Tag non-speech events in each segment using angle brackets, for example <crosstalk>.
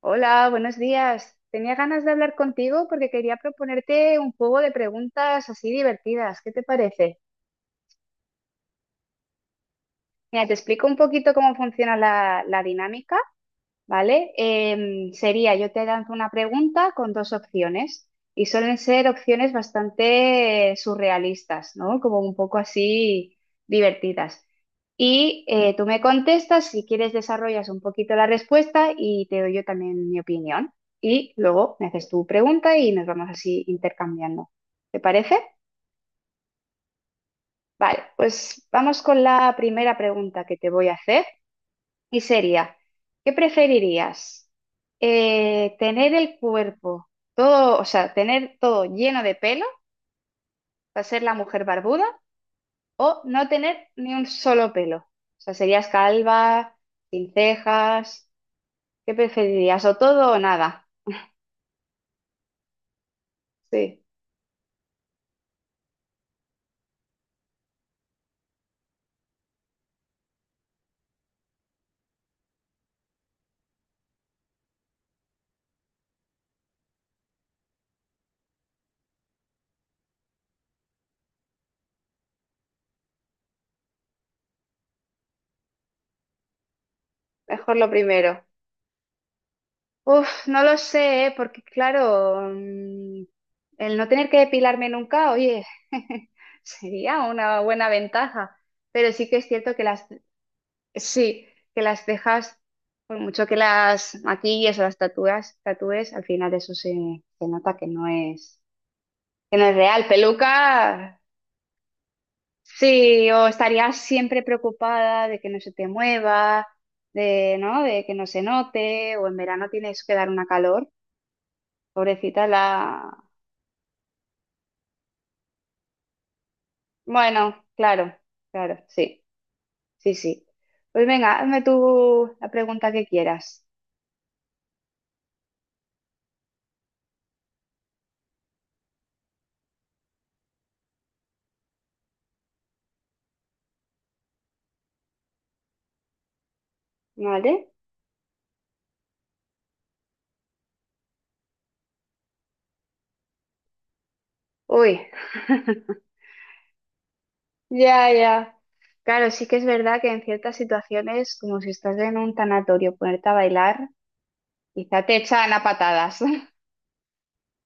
Hola, buenos días. Tenía ganas de hablar contigo porque quería proponerte un juego de preguntas así divertidas. ¿Qué te parece? Mira, te explico un poquito cómo funciona la dinámica, ¿vale? Sería, yo te lanzo una pregunta con dos opciones y suelen ser opciones bastante surrealistas, ¿no? Como un poco así divertidas. Y tú me contestas, si quieres desarrollas un poquito la respuesta y te doy yo también mi opinión. Y luego me haces tu pregunta y nos vamos así intercambiando. ¿Te parece? Vale, pues vamos con la primera pregunta que te voy a hacer. Y sería, ¿qué preferirías? ¿Tener el cuerpo todo, o sea, tener todo lleno de pelo para ser la mujer barbuda o no tener ni un solo pelo? O sea, serías calva, sin cejas, ¿qué preferirías? ¿O todo o nada? Sí, mejor lo primero. Uf, no lo sé, ¿eh? Porque claro, el no tener que depilarme nunca, oye, <laughs> sería una buena ventaja. Pero sí que es cierto que las, sí, que las cejas, por mucho que las maquilles o las tatúes, al final eso se nota que no es real. Peluca, sí, o estarías siempre preocupada de que no se te mueva, de, ¿no? De que no se note, o en verano tienes que dar una calor. Pobrecita la... Bueno, claro, claro, sí, sí, sí. Pues venga, hazme tú la pregunta que quieras, ¿vale? Uy. <laughs> Ya, ya. Claro, sí que es verdad que en ciertas situaciones, como si estás en un tanatorio, ponerte a bailar, quizá te echan a patadas. <laughs>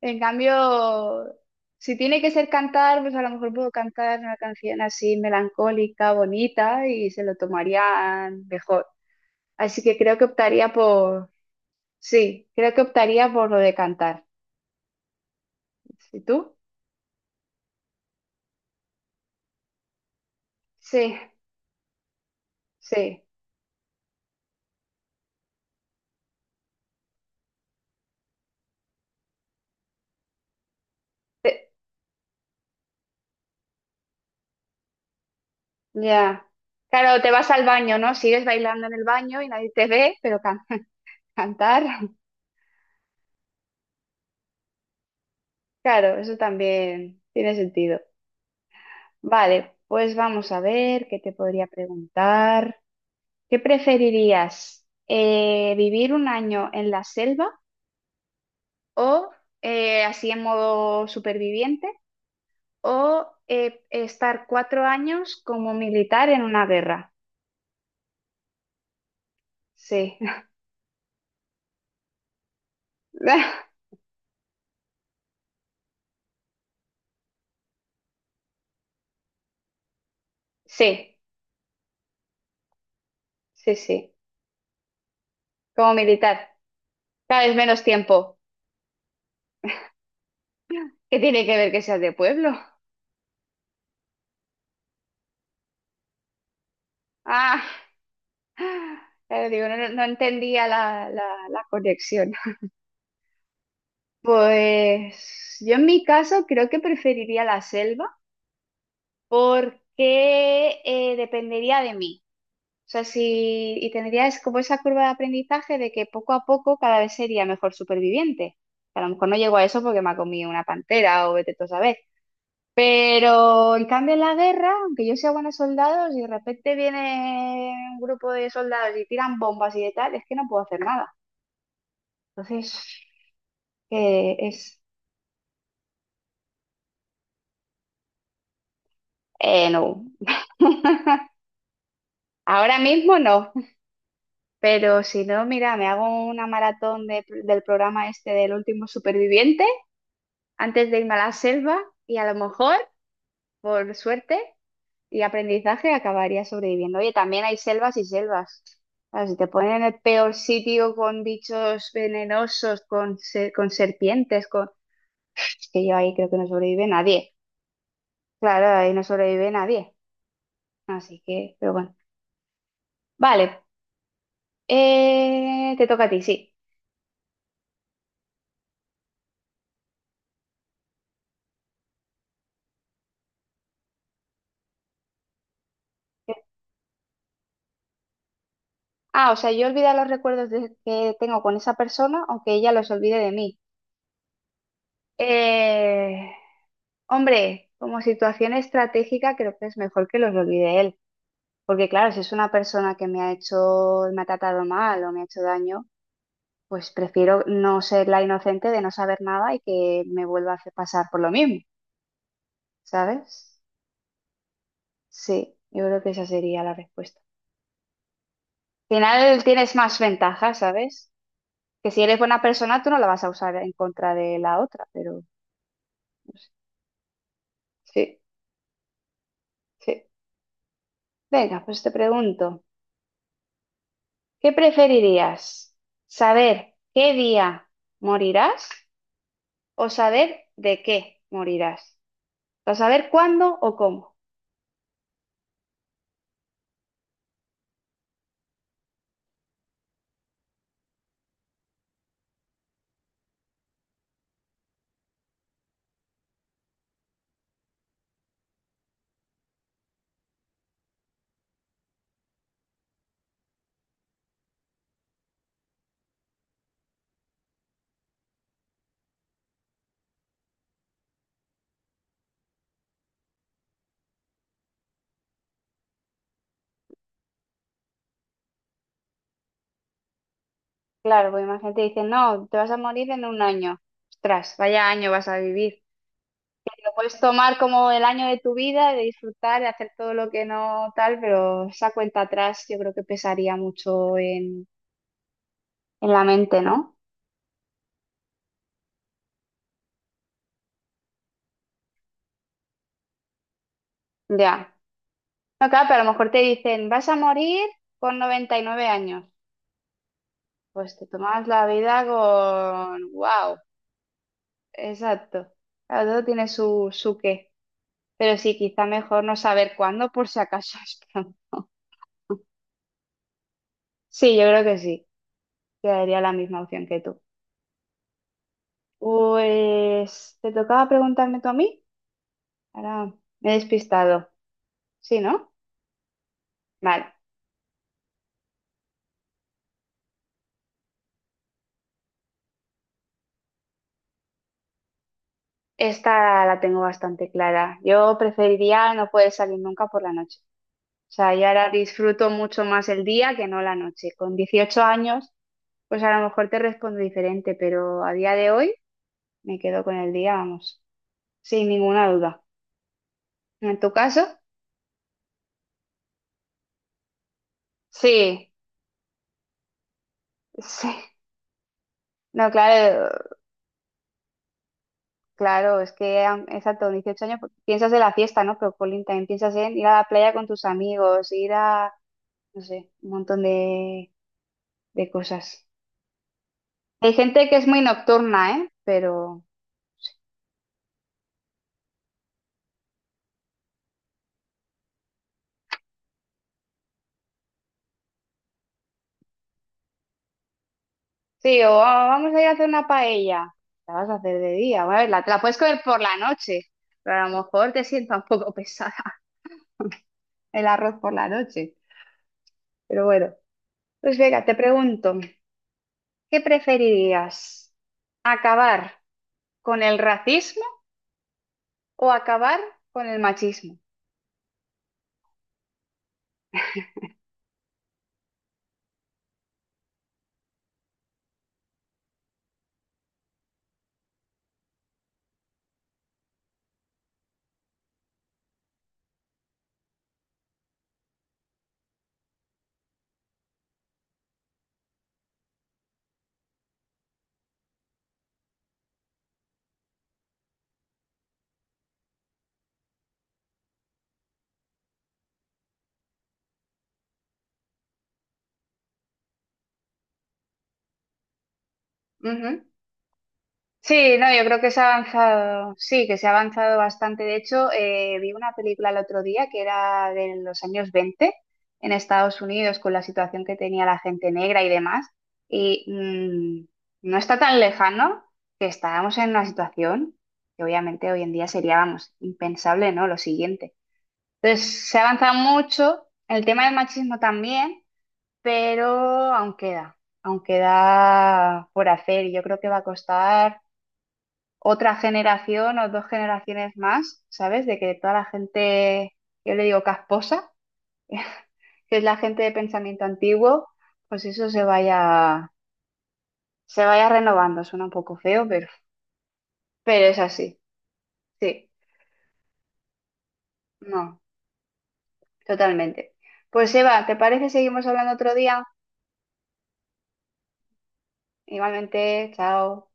En cambio, si tiene que ser cantar, pues a lo mejor puedo cantar una canción así melancólica, bonita, y se lo tomarían mejor. Así que creo que optaría por, sí, creo que optaría por lo de cantar. ¿Y tú? Sí, sí. Te- Ya. Claro, te vas al baño, ¿no? Sigues bailando en el baño y nadie te ve, pero cantas. ¿Cantar? <laughs> Claro, eso también tiene sentido. Vale, pues vamos a ver qué te podría preguntar. ¿Qué preferirías? ¿Vivir un año en la selva o así en modo superviviente o estar 4 años como militar en una guerra? Sí, <laughs> sí, sí, sí, como militar. Cada vez menos tiempo. ¿Qué tiene que ver que seas de pueblo? Ah. Pero digo, no entendía la conexión. Pues yo en mi caso creo que preferiría la selva porque dependería de mí. O sea, si, y tendría es como esa curva de aprendizaje de que poco a poco cada vez sería mejor superviviente. A lo mejor no llego a eso porque me ha comido una pantera o vete tú a saber. Pero en cambio en la guerra, aunque yo sea buena soldado, si de repente viene un grupo de soldados y tiran bombas y de tal, es que no puedo hacer nada. Entonces, que es, no, <laughs> ahora mismo no, pero si no, mira, me hago una maratón del programa este del último superviviente antes de irme a la selva y a lo mejor, por suerte y aprendizaje, acabaría sobreviviendo. Oye, también hay selvas y selvas. Claro, si te ponen en el peor sitio con bichos venenosos, con serpientes, con... Es que yo ahí creo que no sobrevive nadie. Claro, ahí no sobrevive nadie. Así que, pero bueno. Vale, te toca a ti, sí. Ah, o sea, yo olvidar los recuerdos que tengo con esa persona, aunque ella los olvide de mí. Eh, hombre, como situación estratégica, creo que es mejor que los olvide él. Porque claro, si es una persona que me ha hecho, me ha tratado mal o me ha hecho daño, pues prefiero no ser la inocente de no saber nada y que me vuelva a hacer pasar por lo mismo, ¿sabes? Sí, yo creo que esa sería la respuesta. Al final tienes más ventajas, ¿sabes? Que si eres buena persona, tú no la vas a usar en contra de la otra, pero no sé. Sí, sí. Venga, pues te pregunto, ¿qué preferirías? ¿Saber qué día morirás o saber de qué morirás? ¿O saber cuándo o cómo? Claro, porque imagínate, dicen, no, te vas a morir en un año. Ostras, vaya año vas a vivir. Lo puedes tomar como el año de tu vida, de disfrutar, de hacer todo lo que no tal, pero esa cuenta atrás yo creo que pesaría mucho en la mente, ¿no? Ya. No, claro, pero a lo mejor te dicen, vas a morir con 99 años. Pues te tomas la vida con... ¡Wow! Exacto. Claro, todo tiene su qué. Pero sí, quizá mejor no saber cuándo por si acaso <laughs> es pronto. Sí, yo creo que sí. Quedaría la misma opción que tú. Pues, ¿te tocaba preguntarme tú a mí? Ahora me he despistado. Sí, ¿no? Vale. Esta la tengo bastante clara. Yo preferiría no poder salir nunca por la noche. O sea, y ahora disfruto mucho más el día que no la noche. Con 18 años, pues a lo mejor te respondo diferente, pero a día de hoy me quedo con el día, vamos, sin ninguna duda. ¿En tu caso? Sí, <laughs> sí. No, claro, claro, es que exacto, 18 años, pues, piensas en la fiesta, ¿no? Pero Colin, también piensas en ir a la playa con tus amigos, ir a, no sé, un montón de cosas. Hay gente que es muy nocturna, ¿eh? Pero sí, o "Ah, vamos a ir a hacer una paella. La vas a hacer de día, a ver, la, te la puedes comer por la noche, pero a lo mejor te sienta un poco pesada <laughs> el arroz por la noche. Pero bueno, pues venga, te pregunto, ¿qué preferirías? ¿Acabar con el racismo o acabar con el machismo? Sí, no, yo creo que se ha avanzado, sí, que se ha avanzado bastante. De hecho, vi una película el otro día que era de los años 20 en Estados Unidos con la situación que tenía la gente negra y demás. Y no está tan lejano que estábamos en una situación que obviamente hoy en día sería, vamos, impensable, ¿no? Lo siguiente. Entonces, se ha avanzado mucho, el tema del machismo también, pero aún queda por hacer y yo creo que va a costar otra generación o dos generaciones más, ¿sabes? De que toda la gente, yo le digo casposa, <laughs> que es la gente de pensamiento antiguo, pues eso se vaya renovando. Suena un poco feo, pero es así. Sí, no, totalmente. Pues Eva, ¿te parece? Seguimos hablando otro día. Igualmente, chao.